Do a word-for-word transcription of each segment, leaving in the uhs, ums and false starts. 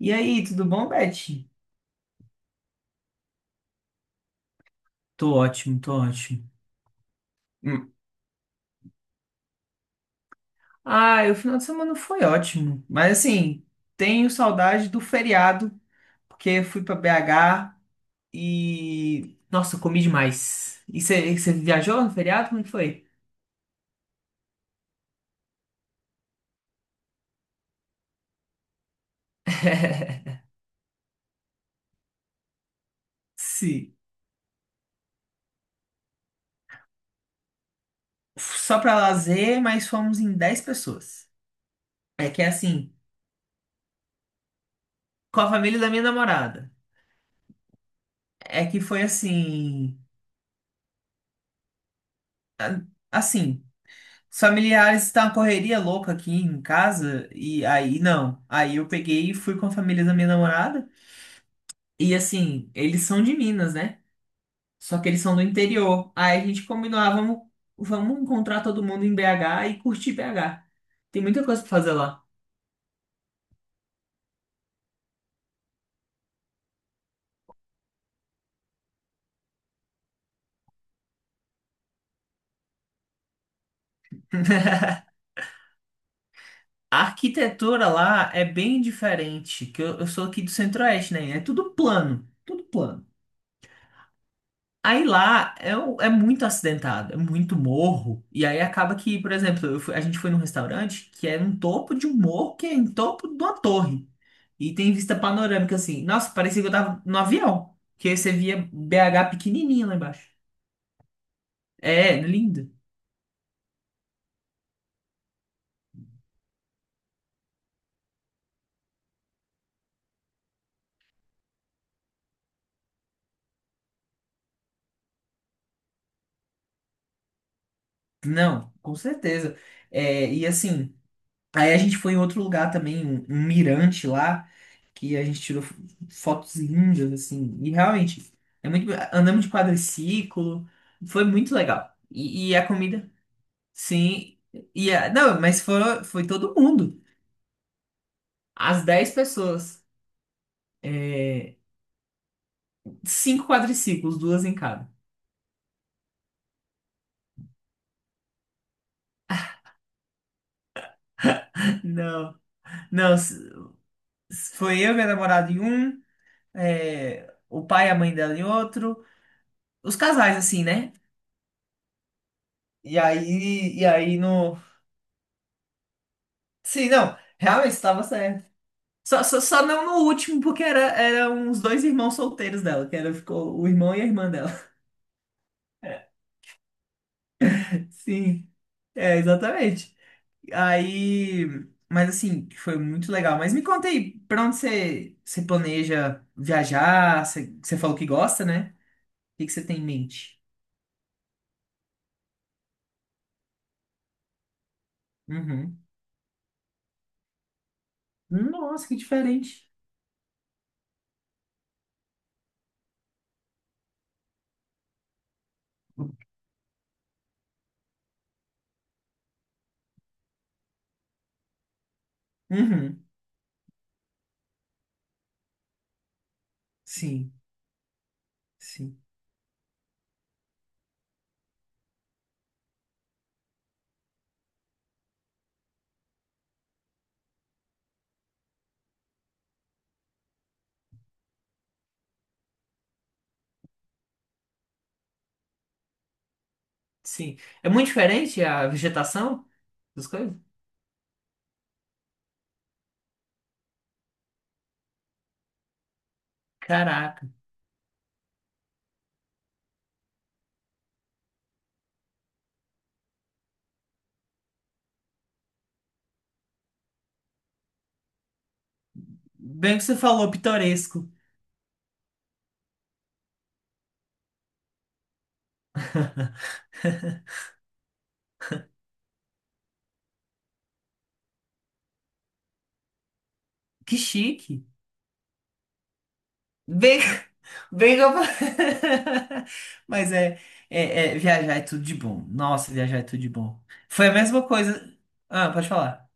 E aí, tudo bom, Beth? Tô ótimo, tô ótimo. Hum. Ah, o final de semana foi ótimo, mas assim, tenho saudade do feriado, porque fui pra B H. e. Nossa, eu comi demais. E você viajou no feriado? Como é que foi? Sim. Só pra lazer, mas fomos em dez pessoas. É que é assim, com a família da minha namorada. É que foi assim. a- Assim, os familiares tá uma correria louca aqui em casa, e aí não. Aí eu peguei e fui com a família da minha namorada. E assim, eles são de Minas, né? Só que eles são do interior. Aí a gente combinou, ah, vamos, vamos encontrar todo mundo em B H e curtir B H. Tem muita coisa pra fazer lá. A arquitetura lá é bem diferente, que eu, eu sou aqui do Centro-Oeste, né? É tudo plano, tudo plano. Aí lá é, o- É muito acidentado, é muito morro. E aí acaba que, por exemplo, eu fui- a gente foi num restaurante que é no topo de um morro, que é em topo de uma torre. E tem vista panorâmica assim. Nossa, parecia que eu tava no avião. Que aí você via B H pequenininho lá embaixo. É, lindo. Não, com certeza. É, e assim. Aí a gente foi em outro lugar também, um, um mirante lá, que a gente tirou fo- fotos lindas, assim. E realmente, é muito. Be- Andamos de quadriciclo, foi muito legal. E, e a comida, sim. E a, não, mas foi, foi todo mundo. As dez pessoas. É, cinco quadriciclos, duas em cada. Não, não. s- s- Foi eu e minha namorada em um, é, o pai e a mãe dela em outro. Os casais, assim, né? E aí, e aí no. Sim, não, realmente estava certo. Só, só, só não no último, porque era, era uns dois irmãos solteiros dela, que era, ficou o irmão e a irmã dela. Sim, é, exatamente. Aí, mas assim, foi muito legal. Mas me conta aí, pra onde você, você planeja viajar? Você, você falou que gosta, né? O que, que você tem em mente? Uhum. Nossa, que diferente. Uhum. Sim, sim, sim. É muito diferente a vegetação das coisas? Caraca. Bem que você falou pitoresco. Que chique. Bem, bem que eu... fa- Mas é, é, é, viajar é tudo de bom. Nossa, viajar é tudo de bom. Foi a mesma coisa. Ah, pode falar.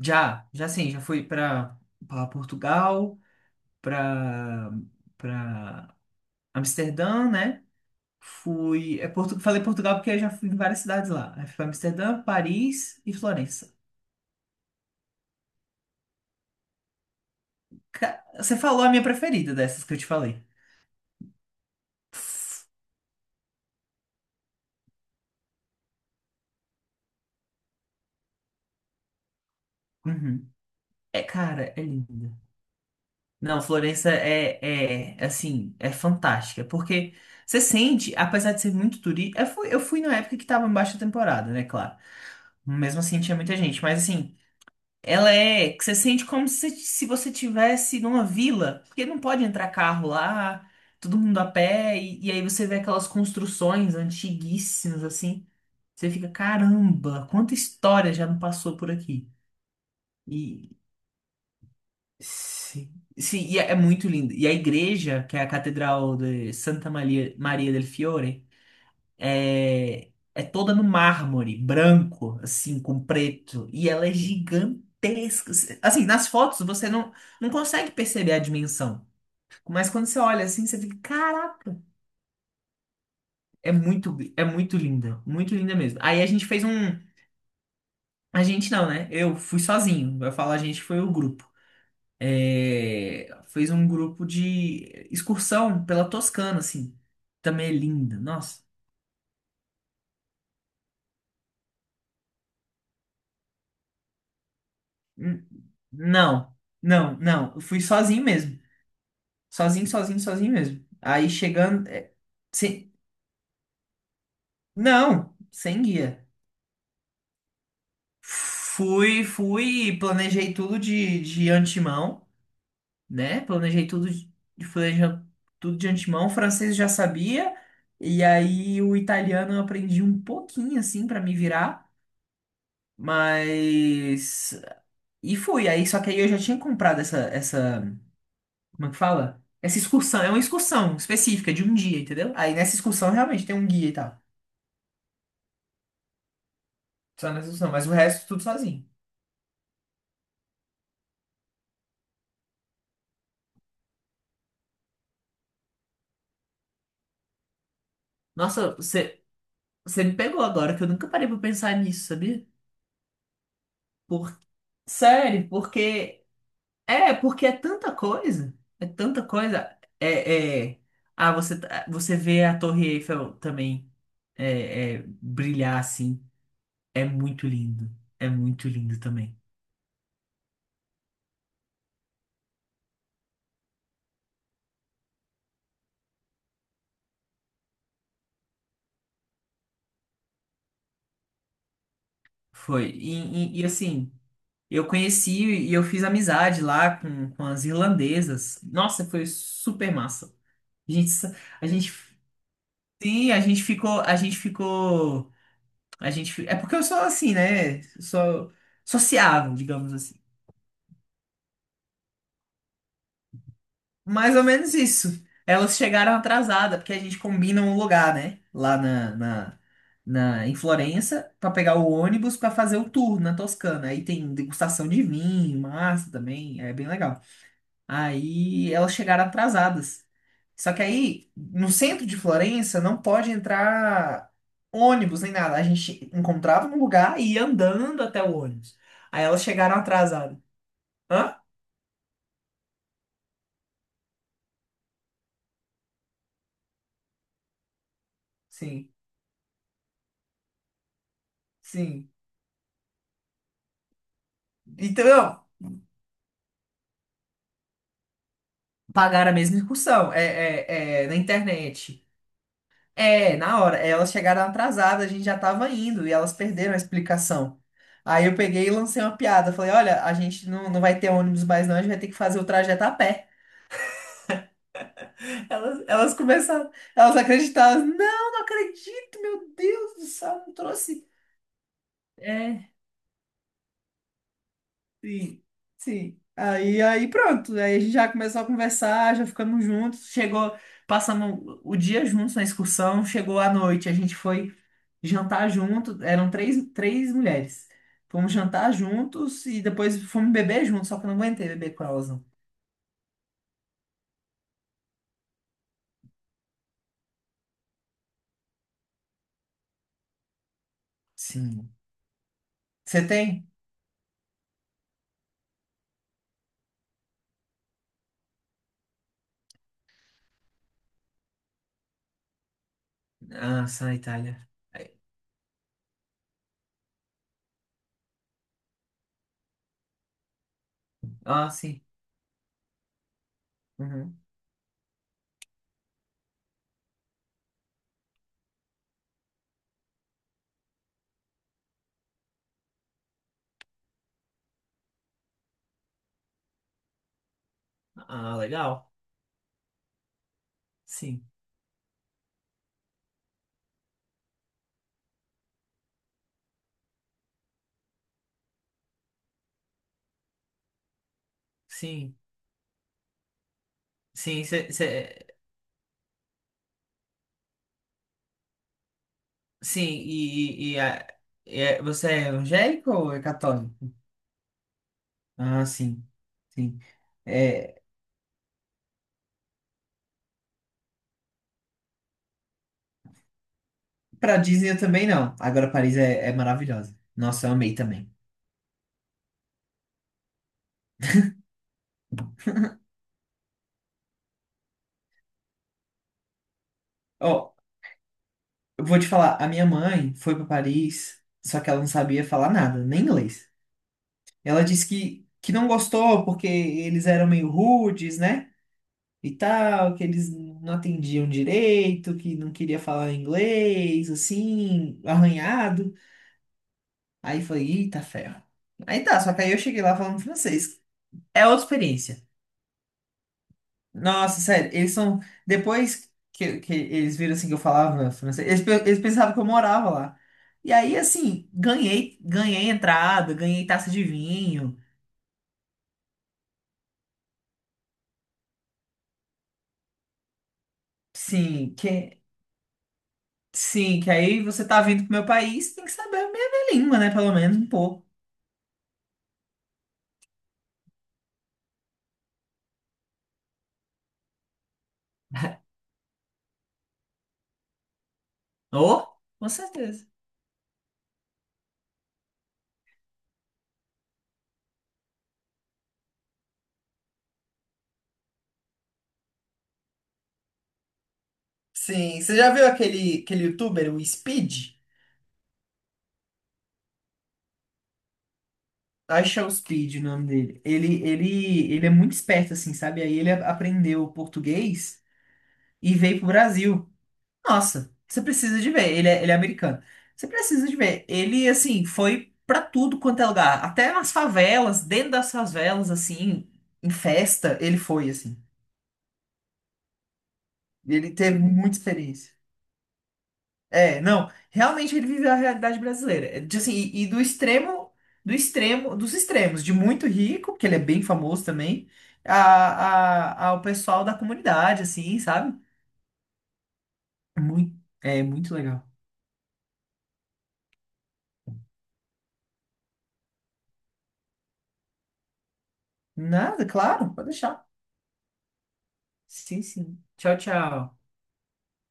Já, já sim, já fui para para Portugal, para para Amsterdã, né? Fui, é Portu... falei Portugal porque eu já fui em várias cidades lá. Aí fui para Amsterdã, Paris e Florença. Ca- Você falou a minha preferida dessas que eu te falei. Uhum. É, cara, é linda. Não, Florença é, é, assim, é fantástica, porque você sente, apesar de ser muito turística, eu fui, eu fui na época que tava em baixa temporada, né, claro. Mesmo assim tinha muita gente, mas assim, ela é, que você sente como se, se você tivesse numa vila, porque não pode entrar carro lá, todo mundo a pé, e, e aí você vê aquelas construções antiguíssimas, assim, você fica, caramba, quanta história já não passou por aqui. Sim, sim, e é é muito lindo. E a igreja, que é a Catedral de Santa Maria, Maria del Fiore, é, é toda no mármore branco, assim, com preto. E ela é gigantesca. Assim, nas fotos você não, não consegue perceber a dimensão. Mas quando você olha assim, você fica, caraca, é muito, é muito linda, muito linda mesmo. Aí a gente fez um. A gente não, né? Eu fui sozinho. Vai falar, a gente foi o grupo. É, fez um grupo de excursão pela Toscana, assim. Também é linda, nossa. Hum, Não, não, não. Eu fui sozinho mesmo. Sozinho, sozinho, sozinho mesmo. Aí chegando. é, sem- não, sem guia. Fui, fui, planejei tudo de, de antemão, né? Planejei tudo de, planeja- tudo de antemão. O francês eu já sabia. E aí o italiano eu aprendi um pouquinho, assim, pra me virar. Mas. E fui. Aí, só que aí eu já tinha comprado essa, essa. Como é que fala? Essa excursão. É uma excursão específica de um dia, entendeu? Aí nessa excursão realmente tem um guia e tal. Só nessa excursão. Mas o resto tudo sozinho. Nossa, você, você me pegou agora, que eu nunca parei pra pensar nisso, sabia? Por... Sério, porque. É, porque é tanta coisa. É tanta coisa. É. é... Ah, você, tá- você vê a Torre Eiffel também é, é, brilhar assim. É muito lindo. É muito lindo também. Foi. E, e- e, assim, eu conheci e eu fiz amizade lá com, com as irlandesas. Nossa, foi super massa. A gente, sa- a gente, sim, a gente ficou, a gente ficou, a gente, fi- é porque eu sou assim, né? Sou sociável, digamos assim. Mais ou menos isso. Elas chegaram atrasada, porque a gente combina um lugar, né? Lá na, na, na- Em Florença, pra pegar o ônibus pra fazer o tour na Toscana. Aí tem degustação de vinho, massa também, é bem legal. Aí elas chegaram atrasadas. Só que aí, no centro de Florença, não pode entrar ônibus nem nada. A gente encontrava um lugar e ia andando até o ônibus. Aí elas chegaram atrasadas. Hã? Sim, sim. Então, pagaram a mesma excursão. É, é, é, na internet. É, na hora. Elas chegaram atrasadas, a gente já tava indo e elas perderam a explicação. Aí eu peguei e lancei uma piada. Falei, olha, a gente não, não vai ter ônibus mais não, a gente vai ter que fazer o trajeto a pé. Elas, elas começaram, elas acreditaram. Não, não acredito, meu Deus do céu, não trouxe. É. Sim, sim. Aí, aí pronto. Aí a gente já começou a conversar, já ficamos juntos. Chegou, passamos o dia juntos na excursão. Chegou à noite, a gente foi jantar junto. Eram três, três mulheres. Fomos jantar juntos e depois fomos beber juntos, só que eu não aguentei beber com elas, não. Sim. Você tem? Ah, só na Itália. Ah, sim. Uhum. Ah, legal. Sim, sim, sim, cê, cê- sim. E, e, e, a- e é- você é evangélico ou é católico? Ah, sim. Sim. É, pra Disney eu também não. Agora Paris é, é maravilhosa. Nossa, eu amei também. Ó, eu vou te falar, a minha mãe foi pra Paris, só que ela não sabia falar nada, nem inglês. Ela disse que, que não gostou porque eles eram meio rudes, né? E tal, que eles não atendiam direito, que não queria falar inglês, assim, arranhado. Aí eu falei, eita ferro. Aí tá, só que aí eu cheguei lá falando francês. É outra experiência. Nossa, sério, eles são. Depois que, que eles viram assim que eu falava francês, eles, pe- eles pensavam que eu morava lá. E aí, assim, ganhei, ganhei entrada, ganhei taça de vinho. Sim, que, sim, que aí você tá vindo pro meu país, tem que saber a minha minha língua, né? Pelo menos um pouco. Oh, com certeza. Sim, você já viu aquele, aquele youtuber, o Speed? Acho que é o Speed o nome dele. Ele, ele, ele é muito esperto, assim, sabe? Aí ele aprendeu português e veio pro Brasil. Nossa, você precisa de ver. Ele é, ele é americano. Você precisa de ver. Ele, assim, foi pra tudo quanto é lugar. Até nas favelas, dentro das favelas, assim, em festa, ele foi, assim. Ele teve muita experiência. É, não, realmente ele viveu a realidade brasileira. É, de, assim, e, e do extremo, do extremo, dos extremos, de muito rico, que ele é bem famoso também, a, a- ao pessoal da comunidade, assim, sabe? Muito, é muito legal. Nada, claro, pode deixar. Sim, sim. Tchau, tchau.